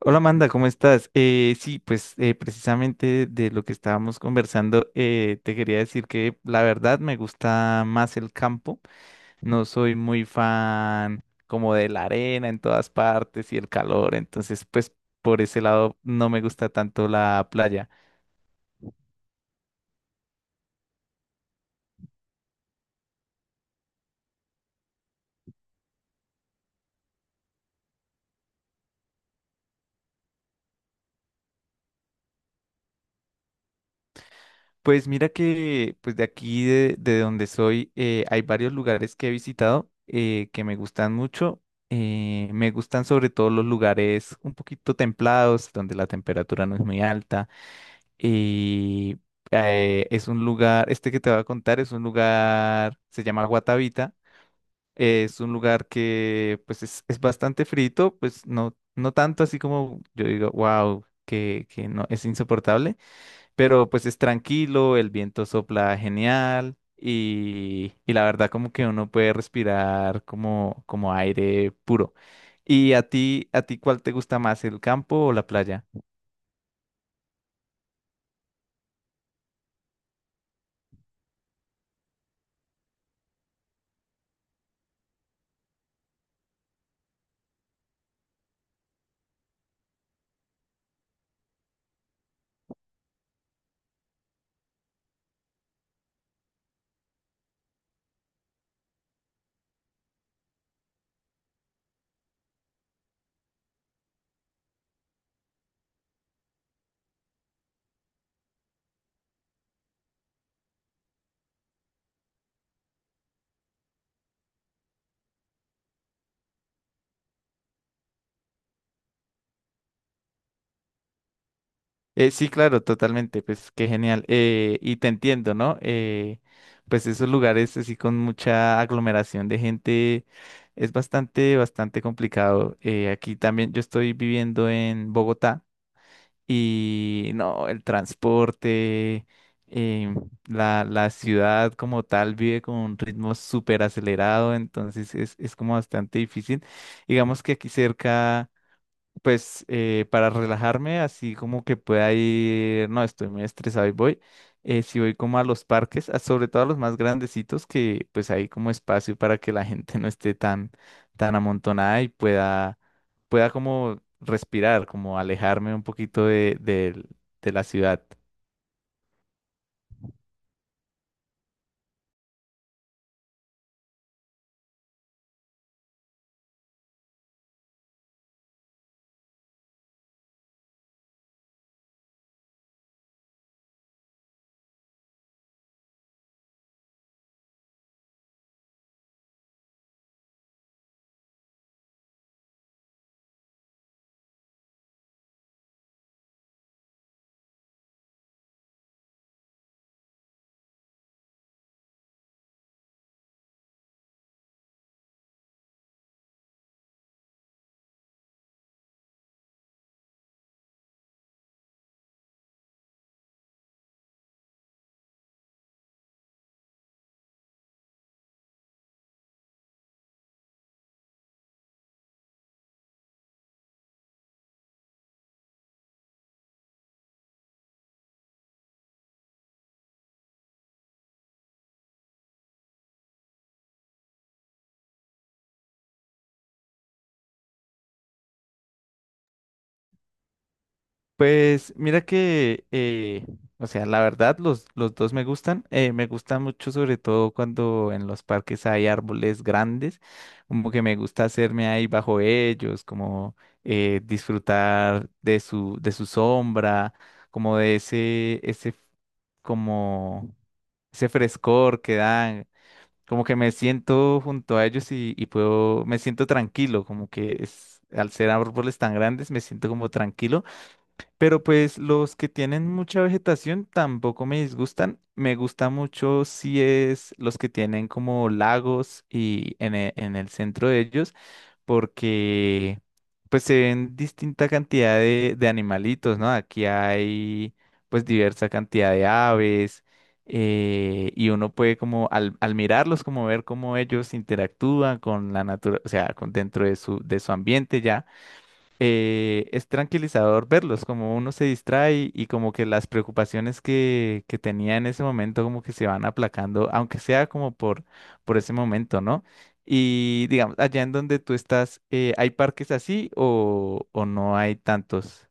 Hola Amanda, ¿cómo estás? Sí, pues precisamente de lo que estábamos conversando, te quería decir que la verdad me gusta más el campo. No soy muy fan como de la arena en todas partes y el calor, entonces pues por ese lado no me gusta tanto la playa. Pues mira que pues de aquí de donde soy hay varios lugares que he visitado que me gustan mucho. Me gustan sobre todo los lugares un poquito templados, donde la temperatura no es muy alta. Y es un lugar, este que te voy a contar es un lugar, se llama Guatavita. Es un lugar que pues es bastante frito, pues no tanto así como yo digo, wow, que no es insoportable, pero pues es tranquilo, el viento sopla genial y la verdad como que uno puede respirar como, como aire puro. ¿Y a ti cuál te gusta más, el campo o la playa? Sí, claro, totalmente, pues qué genial. Y te entiendo, ¿no? Pues esos lugares así con mucha aglomeración de gente es bastante, bastante complicado. Aquí también yo estoy viviendo en Bogotá. Y no, el transporte, em, la ciudad como tal vive con un ritmo súper acelerado, entonces es como bastante difícil. Digamos que aquí cerca pues para relajarme, así como que pueda ir, no, estoy muy estresado y voy, si voy como a los parques, sobre todo a los más grandecitos, que pues hay como espacio para que la gente no esté tan, tan amontonada y pueda, pueda como respirar, como alejarme un poquito de la ciudad. Pues mira que, o sea, la verdad los dos me gustan. Me gusta mucho sobre todo cuando en los parques hay árboles grandes, como que me gusta hacerme ahí bajo ellos, como disfrutar de su sombra, como como ese frescor que dan, como que me siento junto a ellos y puedo, me siento tranquilo, como que es, al ser árboles tan grandes me siento como tranquilo, pero pues los que tienen mucha vegetación tampoco me disgustan. Me gusta mucho si es los que tienen como lagos y en el centro de ellos, porque pues se ven distinta cantidad de animalitos, ¿no? Aquí hay pues diversa cantidad de aves, y uno puede como al mirarlos como ver cómo ellos interactúan con la naturaleza, o sea, con dentro de su ambiente ya. Es tranquilizador verlos, como uno se distrae y como que las preocupaciones que tenía en ese momento como que se van aplacando, aunque sea como por ese momento, ¿no? Y digamos, allá en donde tú estás, ¿hay parques así o no hay tantos?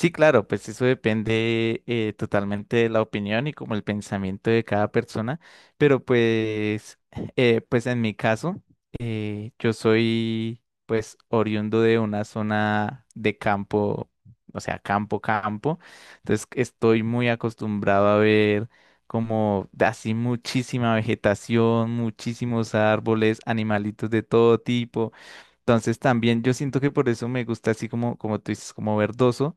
Sí, claro, pues eso depende totalmente de la opinión y como el pensamiento de cada persona, pero pues, pues en mi caso, yo soy pues oriundo de una zona de campo, o sea, campo, campo, entonces estoy muy acostumbrado a ver como de así muchísima vegetación, muchísimos árboles, animalitos de todo tipo, entonces también yo siento que por eso me gusta así como, como tú dices, como verdoso,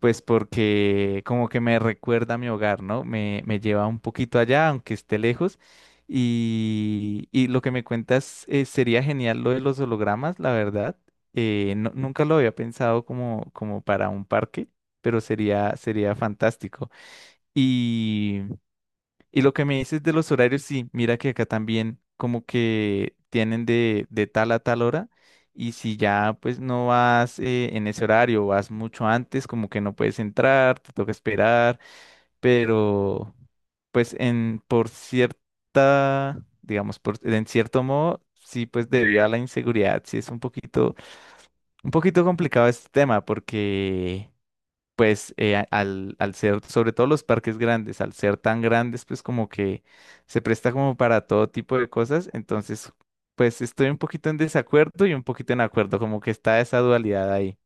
pues porque como que me recuerda a mi hogar, ¿no? Me lleva un poquito allá, aunque esté lejos. Y lo que me cuentas sería genial lo de los hologramas, la verdad. Nunca lo había pensado como, como para un parque, pero sería, sería fantástico. Y lo que me dices de los horarios, sí, mira que acá también como que tienen de tal a tal hora, y si ya pues no vas en ese horario, vas mucho antes, como que no puedes entrar, te toca esperar, pero pues en por cierta, digamos, por, en cierto modo, sí, pues debido a la inseguridad, sí es un poquito complicado este tema porque pues al, al ser, sobre todo los parques grandes, al ser tan grandes, pues como que se presta como para todo tipo de cosas. Entonces, pues estoy un poquito en desacuerdo y un poquito en acuerdo, como que está esa dualidad ahí.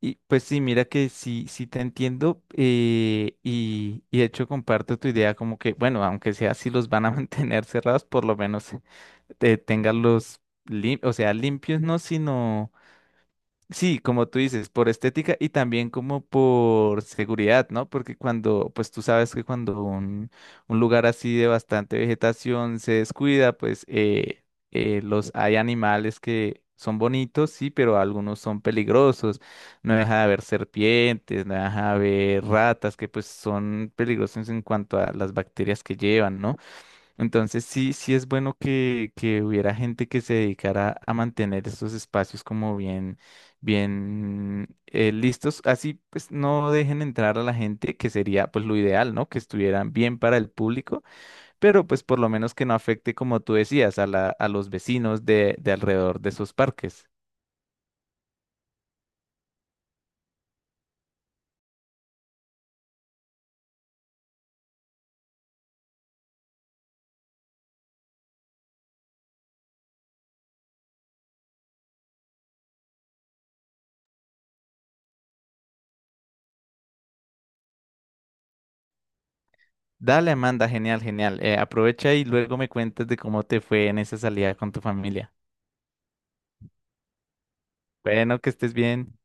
Y pues sí, mira que sí, sí te entiendo y de hecho comparto tu idea como que, bueno, aunque sea si los van a mantener cerrados, por lo menos tengan los o sea, limpios no, sino sí, como tú dices, por estética y también como por seguridad, ¿no? Porque cuando, pues tú sabes que cuando un lugar así de bastante vegetación se descuida, pues los hay animales que son bonitos, sí, pero algunos son peligrosos. No deja de haber serpientes, no deja de haber ratas, que pues son peligrosos en cuanto a las bacterias que llevan, ¿no? Entonces sí, sí es bueno que hubiera gente que se dedicara a mantener estos espacios como bien, bien listos. Así pues no dejen entrar a la gente, que sería pues lo ideal, ¿no? Que estuvieran bien para el público, pero pues por lo menos que no afecte, como tú decías, a la, a los vecinos de alrededor de esos parques. Dale, Amanda, genial, genial. Aprovecha y luego me cuentas de cómo te fue en esa salida con tu familia. Bueno, que estés bien.